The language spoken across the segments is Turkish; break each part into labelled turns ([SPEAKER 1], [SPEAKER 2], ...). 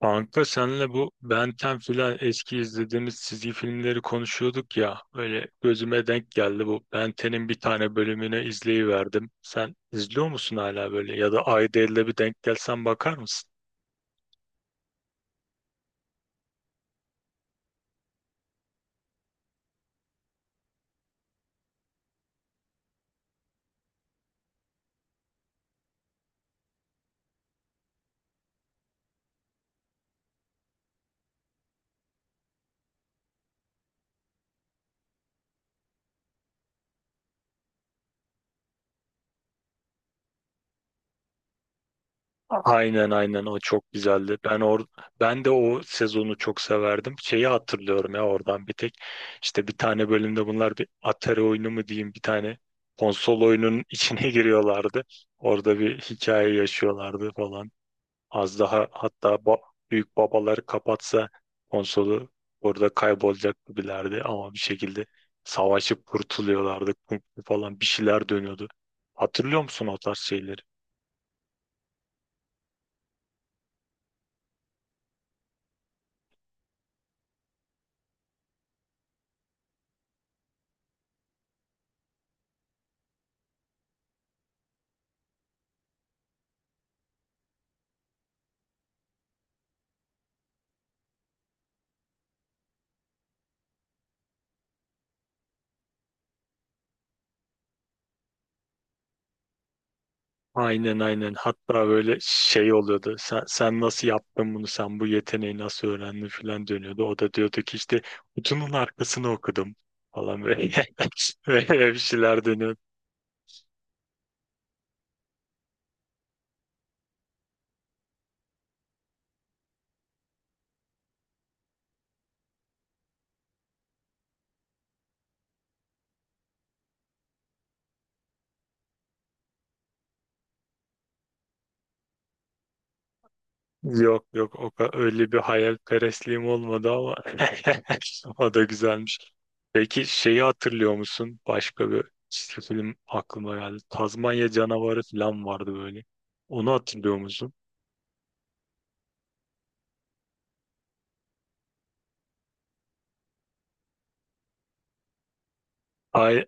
[SPEAKER 1] Kanka senle bu Ben 10 filan eski izlediğimiz çizgi filmleri konuşuyorduk ya. Öyle gözüme denk geldi bu. Ben 10'in bir tane bölümünü izleyiverdim. Sen izliyor musun hala böyle? Ya da ayda elde bir denk gelsen bakar mısın? Aynen, aynen, o çok güzeldi. Ben de o sezonu çok severdim. Şeyi hatırlıyorum ya oradan bir tek. İşte bir tane bölümde bunlar bir Atari oyunu mu diyeyim, bir tane konsol oyunun içine giriyorlardı. Orada bir hikaye yaşıyorlardı falan. Az daha hatta ba- Büyük babaları kapatsa konsolu orada kaybolacak gibilerdi, ama bir şekilde savaşıp kurtuluyorlardı, Kung fu falan bir şeyler dönüyordu. Hatırlıyor musun o tarz şeyleri? Aynen, aynen, hatta böyle şey oluyordu: sen nasıl yaptın bunu, sen bu yeteneği nasıl öğrendin falan dönüyordu. O da diyordu ki, işte kutunun arkasını okudum falan böyle, böyle bir şeyler dönüyordu. Yok yok, öyle bir hayalperestliğim olmadı ama o da güzelmiş. Peki şeyi hatırlıyor musun? Başka bir çizgi film aklıma geldi. Tazmanya canavarı falan vardı böyle. Onu hatırlıyor musun? Ay,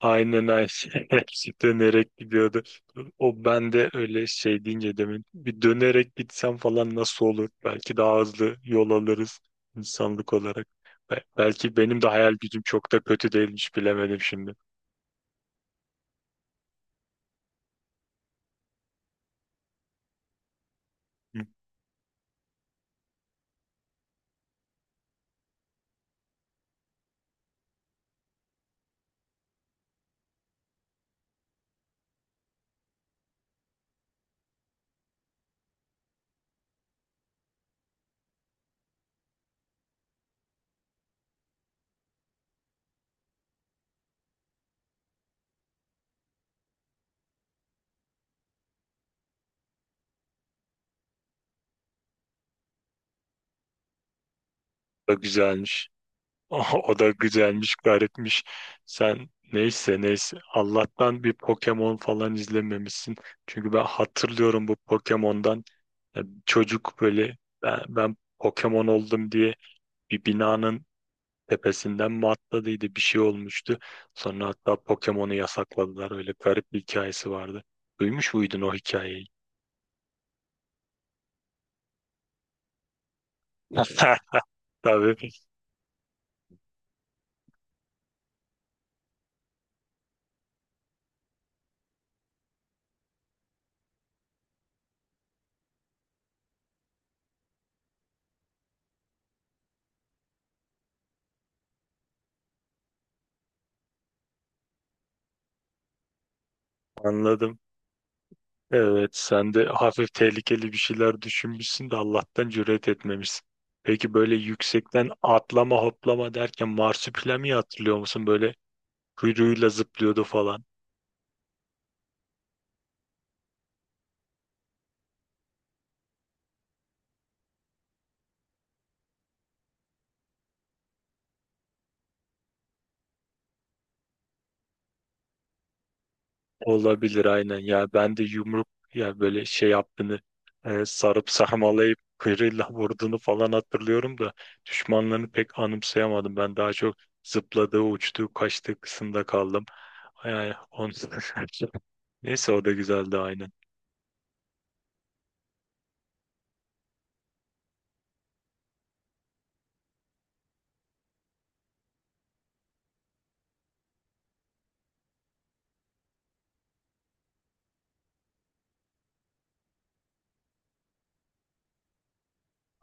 [SPEAKER 1] aynen aynen. Hepsi dönerek gidiyordu. O bende öyle, şey deyince, demin bir dönerek gitsem falan nasıl olur? Belki daha hızlı yol alırız insanlık olarak. Belki benim de hayal gücüm çok da kötü değilmiş, bilemedim şimdi. Da güzelmiş. O da güzelmiş, garipmiş. Sen neyse neyse. Allah'tan bir Pokemon falan izlememişsin. Çünkü ben hatırlıyorum bu Pokemon'dan. Yani çocuk böyle, ben Pokemon oldum diye bir binanın tepesinden mi atladıydı, bir şey olmuştu. Sonra hatta Pokemon'u yasakladılar. Öyle garip bir hikayesi vardı. Duymuş muydun o hikayeyi? Tabii, anladım. Evet, sen de hafif tehlikeli bir şeyler düşünmüşsün de Allah'tan cüret etmemişsin. Peki, böyle yüksekten atlama hoplama derken marsupilami hatırlıyor musun? Böyle kuyruğuyla zıplıyordu falan. Olabilir, aynen ya, ben de yumruk, ya böyle şey yaptığını, sarıp sarmalayıp kıyrıyla vurduğunu falan hatırlıyorum da düşmanlarını pek anımsayamadım. Ben daha çok zıpladığı, uçtuğu, kaçtığı kısımda kaldım. Yani on... Neyse, o da güzeldi aynen.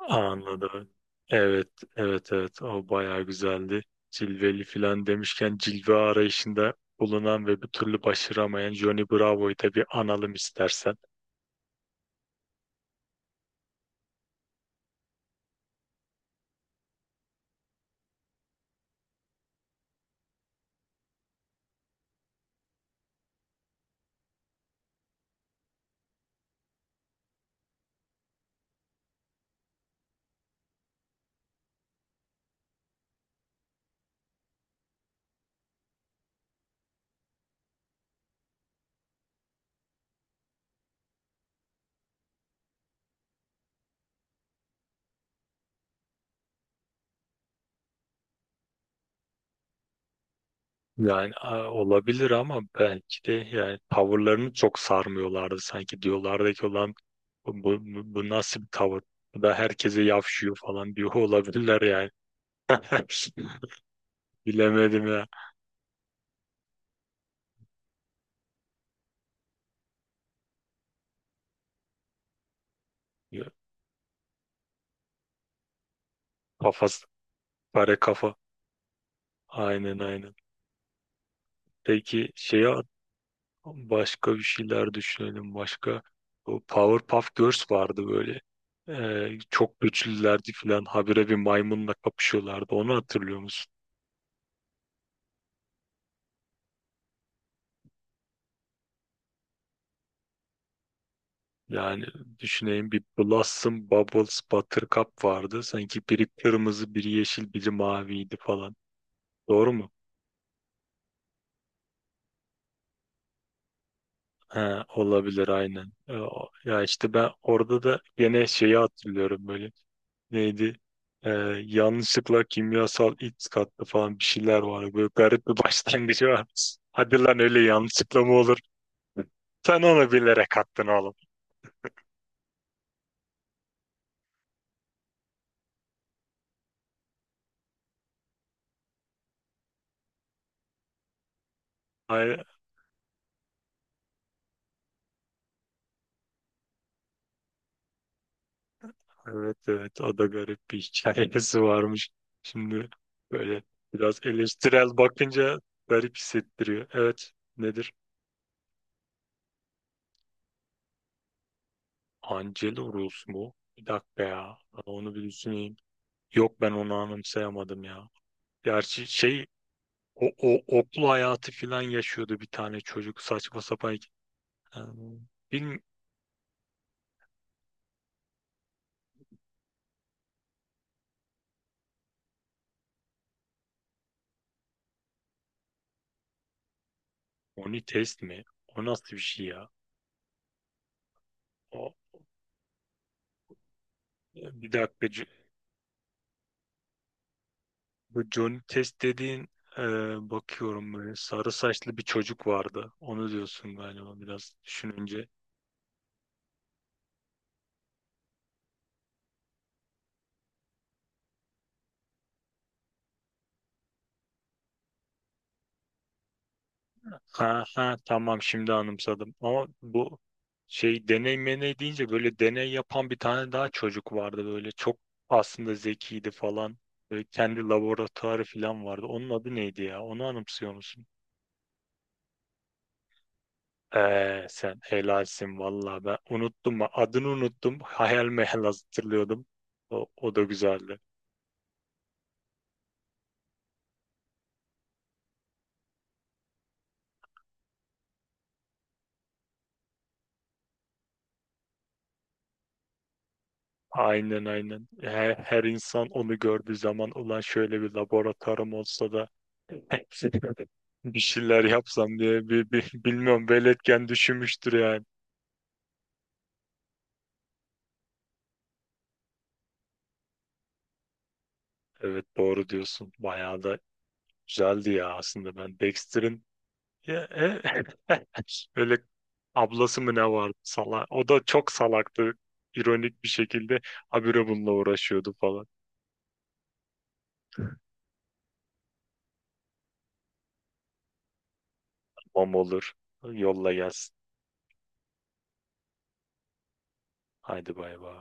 [SPEAKER 1] Anladım. Evet, evet, evet. O bayağı güzeldi. Cilveli filan demişken, cilve arayışında bulunan ve bir türlü başaramayan Johnny Bravo'yu da bir analım istersen. Yani olabilir, ama belki de yani tavırlarını çok sarmıyorlardı, sanki diyorlardı ki, olan bu, bu nasıl bir tavır? Bu da herkese yavşıyor falan diyor olabilirler yani. Bilemedim ya. Kafası kare kafa. Aynen aynen. Peki şeye, başka bir şeyler düşünelim. Başka, bu Powerpuff Girls vardı böyle. Çok güçlülerdi falan. Habire bir maymunla kapışıyorlardı. Onu hatırlıyor musun? Yani düşüneyim, bir Blossom, Bubbles, Buttercup vardı. Sanki biri kırmızı, biri yeşil, biri maviydi falan. Doğru mu? Ha, olabilir aynen. Ya işte ben orada da gene şeyi hatırlıyorum böyle. Neydi? E, Yanlışlıkla kimyasal X kattı falan, bir şeyler vardı. Böyle garip bir başlangıcı var. Hadi lan, öyle yanlışlıkla mı olur? Sen onu bilerek attın oğlum. Evet evet, o da garip bir hikayesi varmış. Şimdi böyle biraz eleştirel bakınca garip hissettiriyor. Evet, nedir? Angelo Rus mu? Bir dakika ya. Ben onu bir düşüneyim. Yok, ben onu anımsayamadım ya. Gerçi şey, o okul hayatı filan yaşıyordu bir tane çocuk saçma sapan. Bilmiyorum. Oni test mi? O nasıl bir şey ya? O, bir dakika. Bu Johnny Test dediğin, e, bakıyorum, böyle sarı saçlı bir çocuk vardı. Onu diyorsun galiba biraz düşününce. Ha ha, tamam, şimdi anımsadım. Ama bu şey, deney meney deyince, böyle deney yapan bir tane daha çocuk vardı, böyle çok aslında zekiydi falan. Böyle kendi laboratuvarı falan vardı. Onun adı neydi ya? Onu anımsıyor musun? Sen helalsin vallahi, ben unuttum adını, unuttum, hayal meyal hatırlıyordum. O da güzeldi. Aynen aynen. Her insan onu gördüğü zaman ulan şöyle bir laboratuvarım olsa da bir şeyler yapsam diye bilmiyorum, veletken düşünmüştür yani. Evet, doğru diyorsun. Bayağı da güzeldi ya. Aslında ben Dexter'in ya, öyle ablası mı ne vardı salak. O da çok salaktı. İronik bir şekilde habire bununla uğraşıyordu falan. Bom olur. Yolla gelsin. Haydi bay bay.